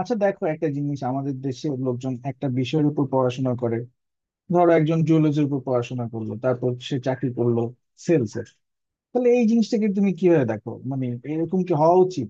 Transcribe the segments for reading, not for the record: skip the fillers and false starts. আচ্ছা দেখো, একটা জিনিস, আমাদের দেশের লোকজন একটা বিষয়ের উপর পড়াশোনা করে। ধরো, একজন জুলজির উপর পড়াশোনা করলো, তারপর সে চাকরি করলো সেলস এর। তাহলে এই জিনিসটাকে তুমি কিভাবে দেখো? মানে এরকম কি হওয়া উচিত?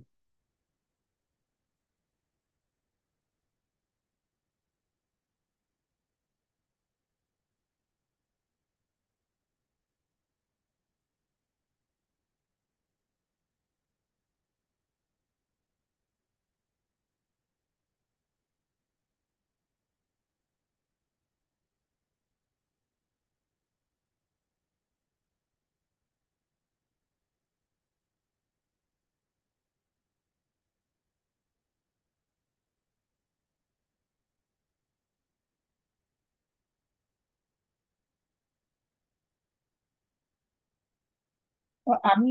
আমি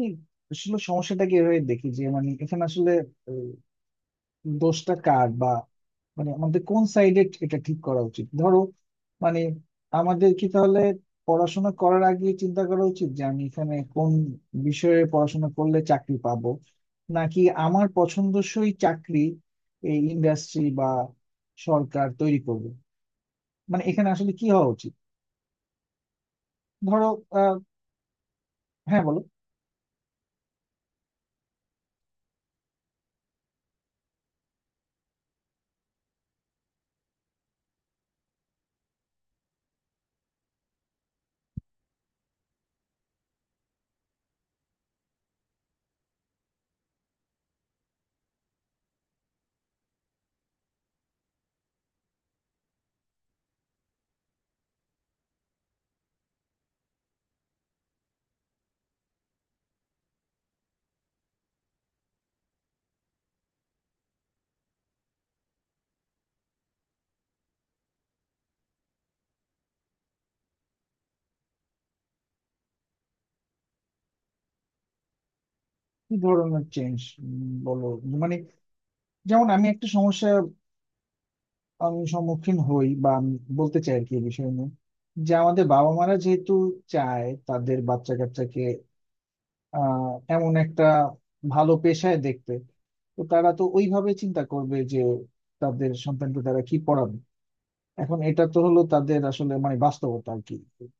আসলে সমস্যাটাকে এভাবে দেখি যে, মানে এখানে আসলে দোষটা কার, বা মানে আমাদের কোন সাইডে এটা ঠিক করা উচিত? ধরো, মানে আমাদের কি তাহলে পড়াশোনা করার আগে চিন্তা করা উচিত যে আমি এখানে কোন বিষয়ে পড়াশোনা করলে চাকরি পাবো, নাকি আমার পছন্দসই চাকরি এই ইন্ডাস্ট্রি বা সরকার তৈরি করবে? মানে এখানে আসলে কি হওয়া উচিত? ধরো আহ হ্যাঁ বলো। কি ধরনের চেঞ্জ, বলো। মানে যেমন আমি একটা সমস্যা, আমি সম্মুখীন হই, বা আমি বলতে চাই আর কি এই বিষয় নিয়ে, যে আমাদের বাবা মারা যেহেতু চায় তাদের বাচ্চা কাচ্চাকে আহ এমন একটা ভালো পেশায় দেখতে, তো তারা তো ওইভাবে চিন্তা করবে যে তাদের সন্তানকে তারা কি পড়াবে। এখন এটা তো হলো তাদের আসলে মানে বাস্তবতা আর কি,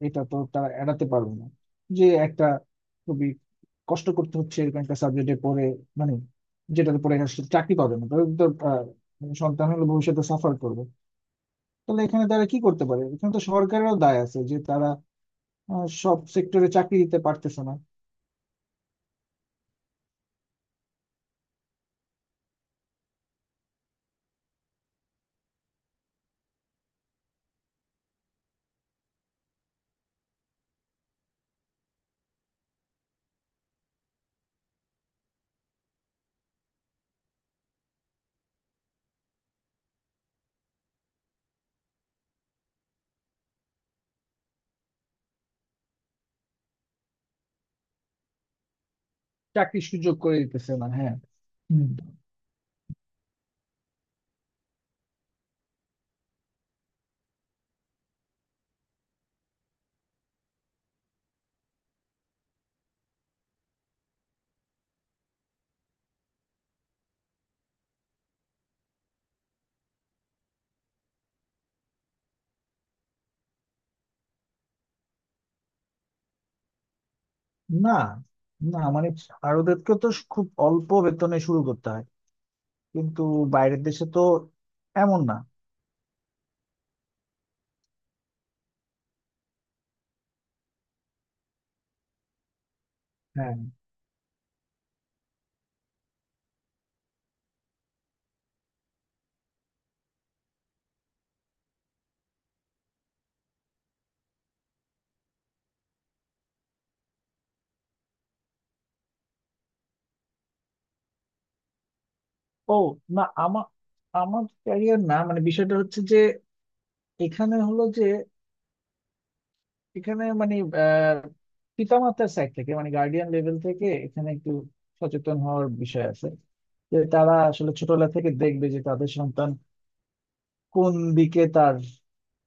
এটা তো তারা এড়াতে পারবে না। যে একটা খুবই কষ্ট করতে হচ্ছে এরকম একটা সাবজেক্টে পড়ে, মানে যেটাতে পড়ে আসলে চাকরি পাবে না, তাদের তো সন্তান হলে ভবিষ্যতে সাফার করবে। তাহলে এখানে তারা কি করতে পারে? এখানে তো সরকারেরও দায় আছে যে তারা সব সেক্টরে চাকরি দিতে পারতেছে না। চাকরির সুযোগ করে দিতেছে না, হ্যাঁ। হুম। না, না, মানে ভারতেরকে তো খুব অল্প বেতনে শুরু করতে হয়, কিন্তু বাইরের দেশে তো এমন না। হ্যাঁ। ও, না আমার, আমার ক্যারিয়ার না, মানে বিষয়টা হচ্ছে যে এখানে হলো যে, এখানে মানে আহ পিতামাতার সাইড থেকে, মানে গার্ডিয়ান লেভেল থেকে এখানে একটু সচেতন হওয়ার বিষয় আছে, যে তারা আসলে ছোটবেলা থেকে দেখবে যে তাদের সন্তান কোন দিকে তার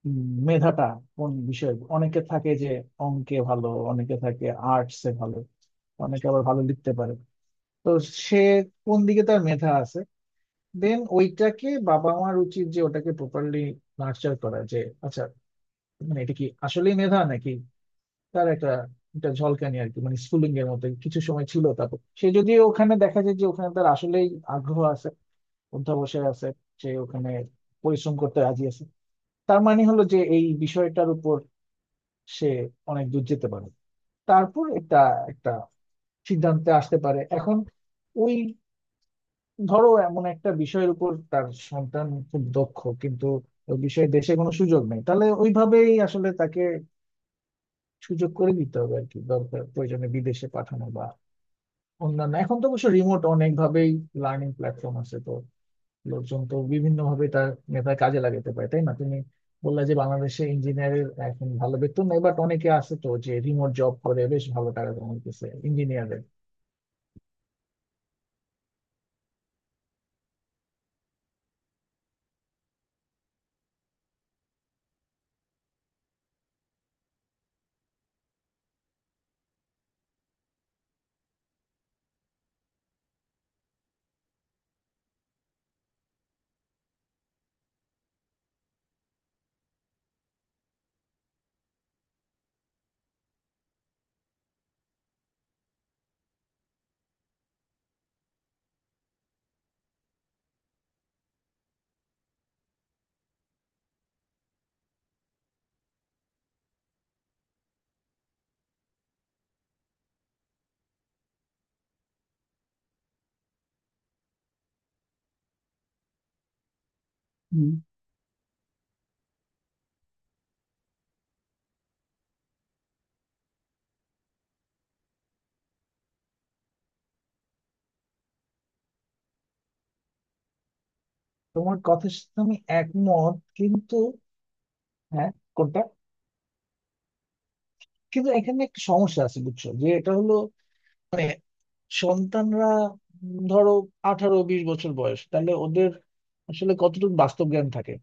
উম, মেধাটা কোন বিষয়ে। অনেকে থাকে যে অঙ্কে ভালো, অনেকে থাকে আর্টসে ভালো, অনেকে আবার ভালো লিখতে পারে। তো সে কোন দিকে তার মেধা আছে, দেন ওইটাকে বাবা মার উচিত যে ওটাকে প্রপারলি নার্চার করা। যে আচ্ছা, মানে এটা কি আসলেই মেধা, নাকি তার একটা একটা ঝলকানি আর কি, মানে স্কুলিং এর মধ্যে কিছু সময় ছিল। তারপর সে, যদিও ওখানে দেখা যায় যে ওখানে তার আসলেই আগ্রহ আছে, অধ্যবসায় আছে, সে ওখানে পরিশ্রম করতে রাজি আছে, তার মানে হলো যে এই বিষয়টার উপর সে অনেক দূর যেতে পারে। তারপর একটা একটা সিদ্ধান্তে আসতে পারে। এখন ওই ধরো এমন একটা বিষয়ের উপর তার সন্তান খুব দক্ষ, কিন্তু ওই বিষয়ে দেশে কোনো সুযোগ নেই, তাহলে ওইভাবেই আসলে তাকে সুযোগ করে দিতে হবে আর কি। দরকার, প্রয়োজনে বিদেশে পাঠানো, বা অন্যান্য। এখন তো অবশ্য রিমোট অনেক ভাবেই লার্নিং প্ল্যাটফর্ম আছে, তো লোকজন তো বিভিন্ন ভাবে তার মেধার কাজে লাগাতে পারে, তাই না? তুমি বললা যে বাংলাদেশে ইঞ্জিনিয়ারের এখন ভালো বেতন নেই, বাট অনেকে আছে তো যে রিমোট জব করে বেশ ভালো টাকা কামাইতেছে ইঞ্জিনিয়ারের। হুম। তোমার কথার সাথে আমি একমত, কিন্তু হ্যাঁ কোনটা। কিন্তু এখানে একটা সমস্যা আছে, বুঝছো? যে এটা হলো মানে সন্তানরা, ধরো 18-20 বছর বয়স, তাহলে ওদের আসলে কতটুকু বাস্তব জ্ঞান থাকে?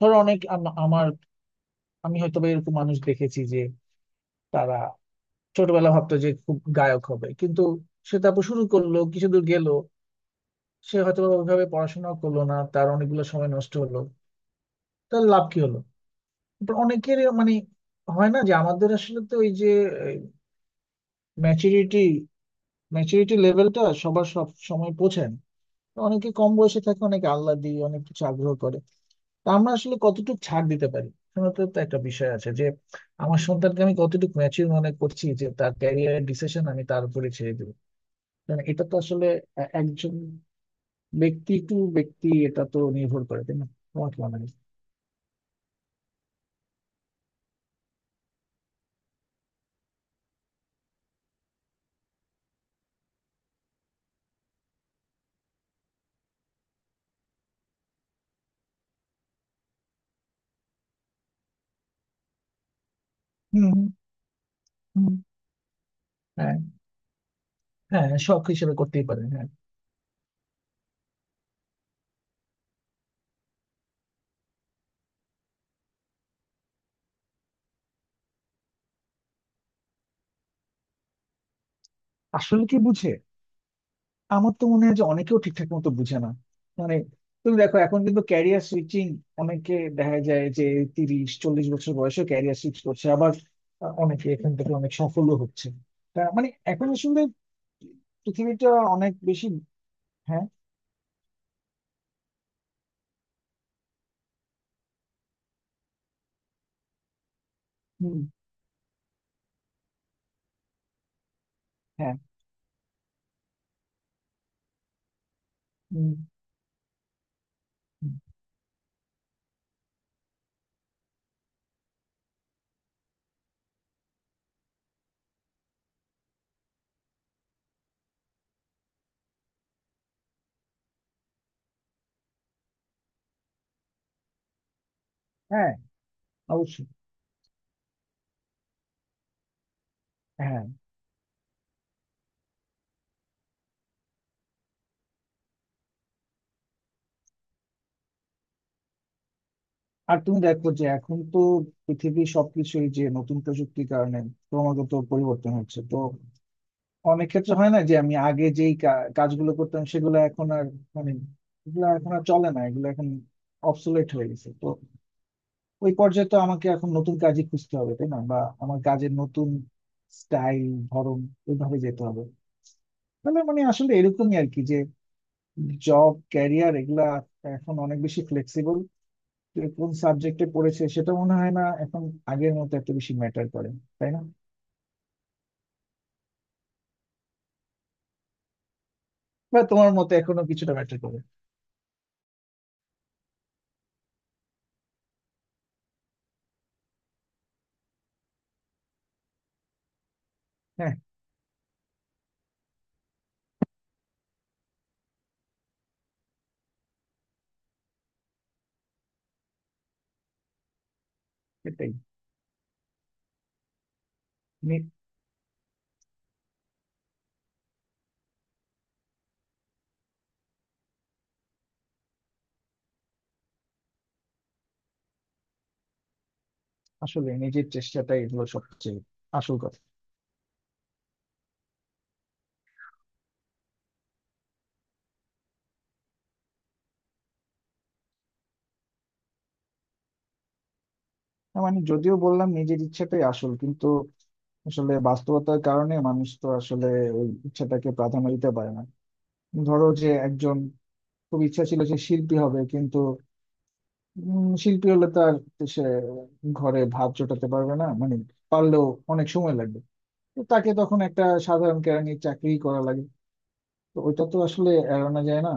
ধরো, অনেক আমার, আমি হয়তো বা এরকম মানুষ দেখেছি যে তারা ছোটবেলা ভাবতো যে খুব গায়ক হবে, কিন্তু সে তারপর শুরু করলো, কিছু দূর গেল, সে হয়তো বা ওইভাবে পড়াশোনা করলো না, তার অনেকগুলো সময় নষ্ট হলো। তার লাভ কি হলো? তারপর অনেকের মানে হয় না যে আমাদের আসলে তো ওই যে ম্যাচুরিটি, লেভেলটা সবার সব সময় পৌঁছায় না। অনেকে কম বয়সে থাকে, অনেকে আল্লাহ দিয়ে অনেক কিছু আগ্রহ করে। তো আমরা আসলে কতটুকু ছাড় দিতে পারি? এখানে তো একটা বিষয় আছে যে আমার সন্তানকে আমি কতটুকু ম্যাচিউর মনে করছি যে তার ক্যারিয়ারের ডিসিশন আমি তার উপরে ছেড়ে দেবো। কারণ এটা তো আসলে একজন ব্যক্তি টু ব্যক্তি এটা তো নির্ভর করে, তাই না? তোমার কি মনে হয়? হুম, হুম। হুম। হ্যাঁ। হ্যাঁ, শখ হিসেবে করতেই পারে, হ্যাঁ। আসলে কি বুঝে? আমার তো মনে হয় যে অনেকেও ঠিকঠাক মতো বুঝে না। মানে তুমি দেখো এখন কিন্তু ক্যারিয়ার সুইচিং, অনেকে দেখা যায় যে 30-40 বছর বয়সে ক্যারিয়ার সুইচ করছে। আবার অনেকে এখান থেকে অনেক সফলও হচ্ছে। তা মানে এখন আসলে পৃথিবীটা অনেক বেশি। হ্যাঁ। হুম। হ্যাঁ। হুম। হুম, হ্যাঁ, অবশ্যই। হ্যাঁ। আর তুমি দেখো যে এখন তো পৃথিবী, সবকিছুই যে নতুন প্রযুক্তির কারণে ক্রমাগত পরিবর্তন হচ্ছে। তো অনেক ক্ষেত্রে হয় না যে আমি আগে যেই কাজগুলো করতাম, সেগুলো এখন আর মানে এগুলো এখন আর চলে না, এগুলো এখন অবসোলেট হয়ে গেছে। তো ওই পর্যায়ে তো আমাকে এখন নতুন কাজই খুঁজতে হবে, তাই না? বা আমার কাজের নতুন স্টাইল, ধরন, ওইভাবে যেতে হবে। তাহলে মানে আসলে এরকমই আর কি, যে জব ক্যারিয়ার এগুলা এখন অনেক বেশি ফ্লেক্সিবল। কোন সাবজেক্টে পড়েছে সেটা মনে হয় না এখন আগের মতো এত বেশি ম্যাটার করে, তাই না? বা তোমার মতে এখনো কিছুটা ম্যাটার করে? হ্যাঁ, সেটাই। মানে আসলে নিজের চেষ্টাটাই এগুলো সবচেয়ে আসল কথা। না, মানে যদিও বললাম নিজের ইচ্ছাটাই আসল, কিন্তু আসলে বাস্তবতার কারণে মানুষ তো আসলে ওই ইচ্ছাটাকে প্রাধান্য দিতে পারে না। ধরো, যে একজন খুব ইচ্ছা ছিল যে শিল্পী হবে, কিন্তু শিল্পী হলে তার সে ঘরে ভাত জোটাতে পারবে না, মানে পারলেও অনেক সময় লাগবে। তো তাকে তখন একটা সাধারণ কেরানির চাকরি করা লাগে। তো ওইটা তো আসলে এড়ানো যায় না,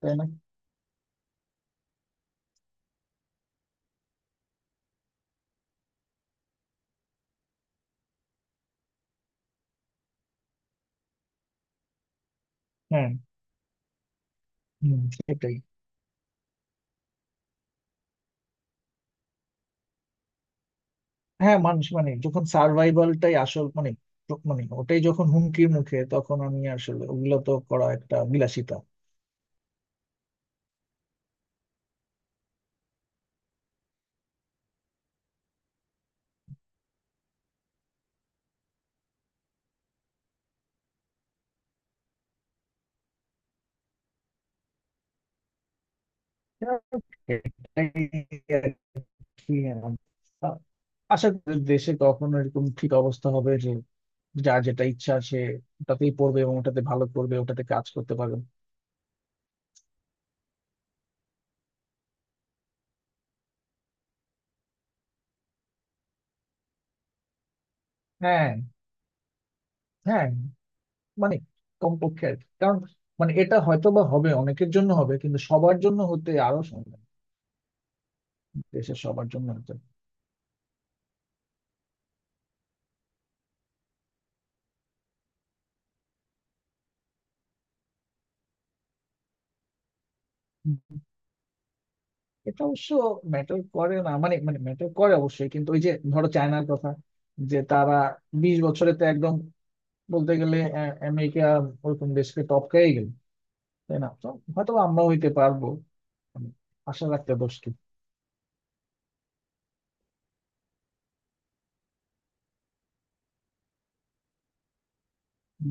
তাই না? হ্যাঁ। হুম, সেটাই। হ্যাঁ, মানুষ মানে যখন সার্ভাইভালটাই আসল, মানে মানে ওটাই যখন হুমকির মুখে, তখন আমি আসলে ওগুলো তো করা একটা বিলাসিতা। এটাই আর কি আমার। আশা করি দেশে কখনো এরকম ঠিক অবস্থা হবে যে যার যেটা ইচ্ছা, সে ওটাতেই পড়বে এবং ওটাতে ভালো করবে, ওটাতে কাজ করতে পারবে। হ্যাঁ। হ্যাঁ, মানে কমপক্ষে আর কি। কারণ মানে এটা হয়তো বা হবে, অনেকের জন্য হবে, কিন্তু সবার জন্য হতে আরো সময় লাগবে। দেশের সবার জন্য হতে এটা অবশ্য ম্যাটার করে না, মানে মানে ম্যাটার করে অবশ্যই, কিন্তু ওই যে ধরো চায়নার কথা, যে তারা 20 বছরে তো একদম বলতে গেলে আমেরিকা ওরকম দেশকে টপকাই গেল, তাই না? তো হয়তো আমরাও হইতে পারবো, মানে আশা রাখতে দোষ কি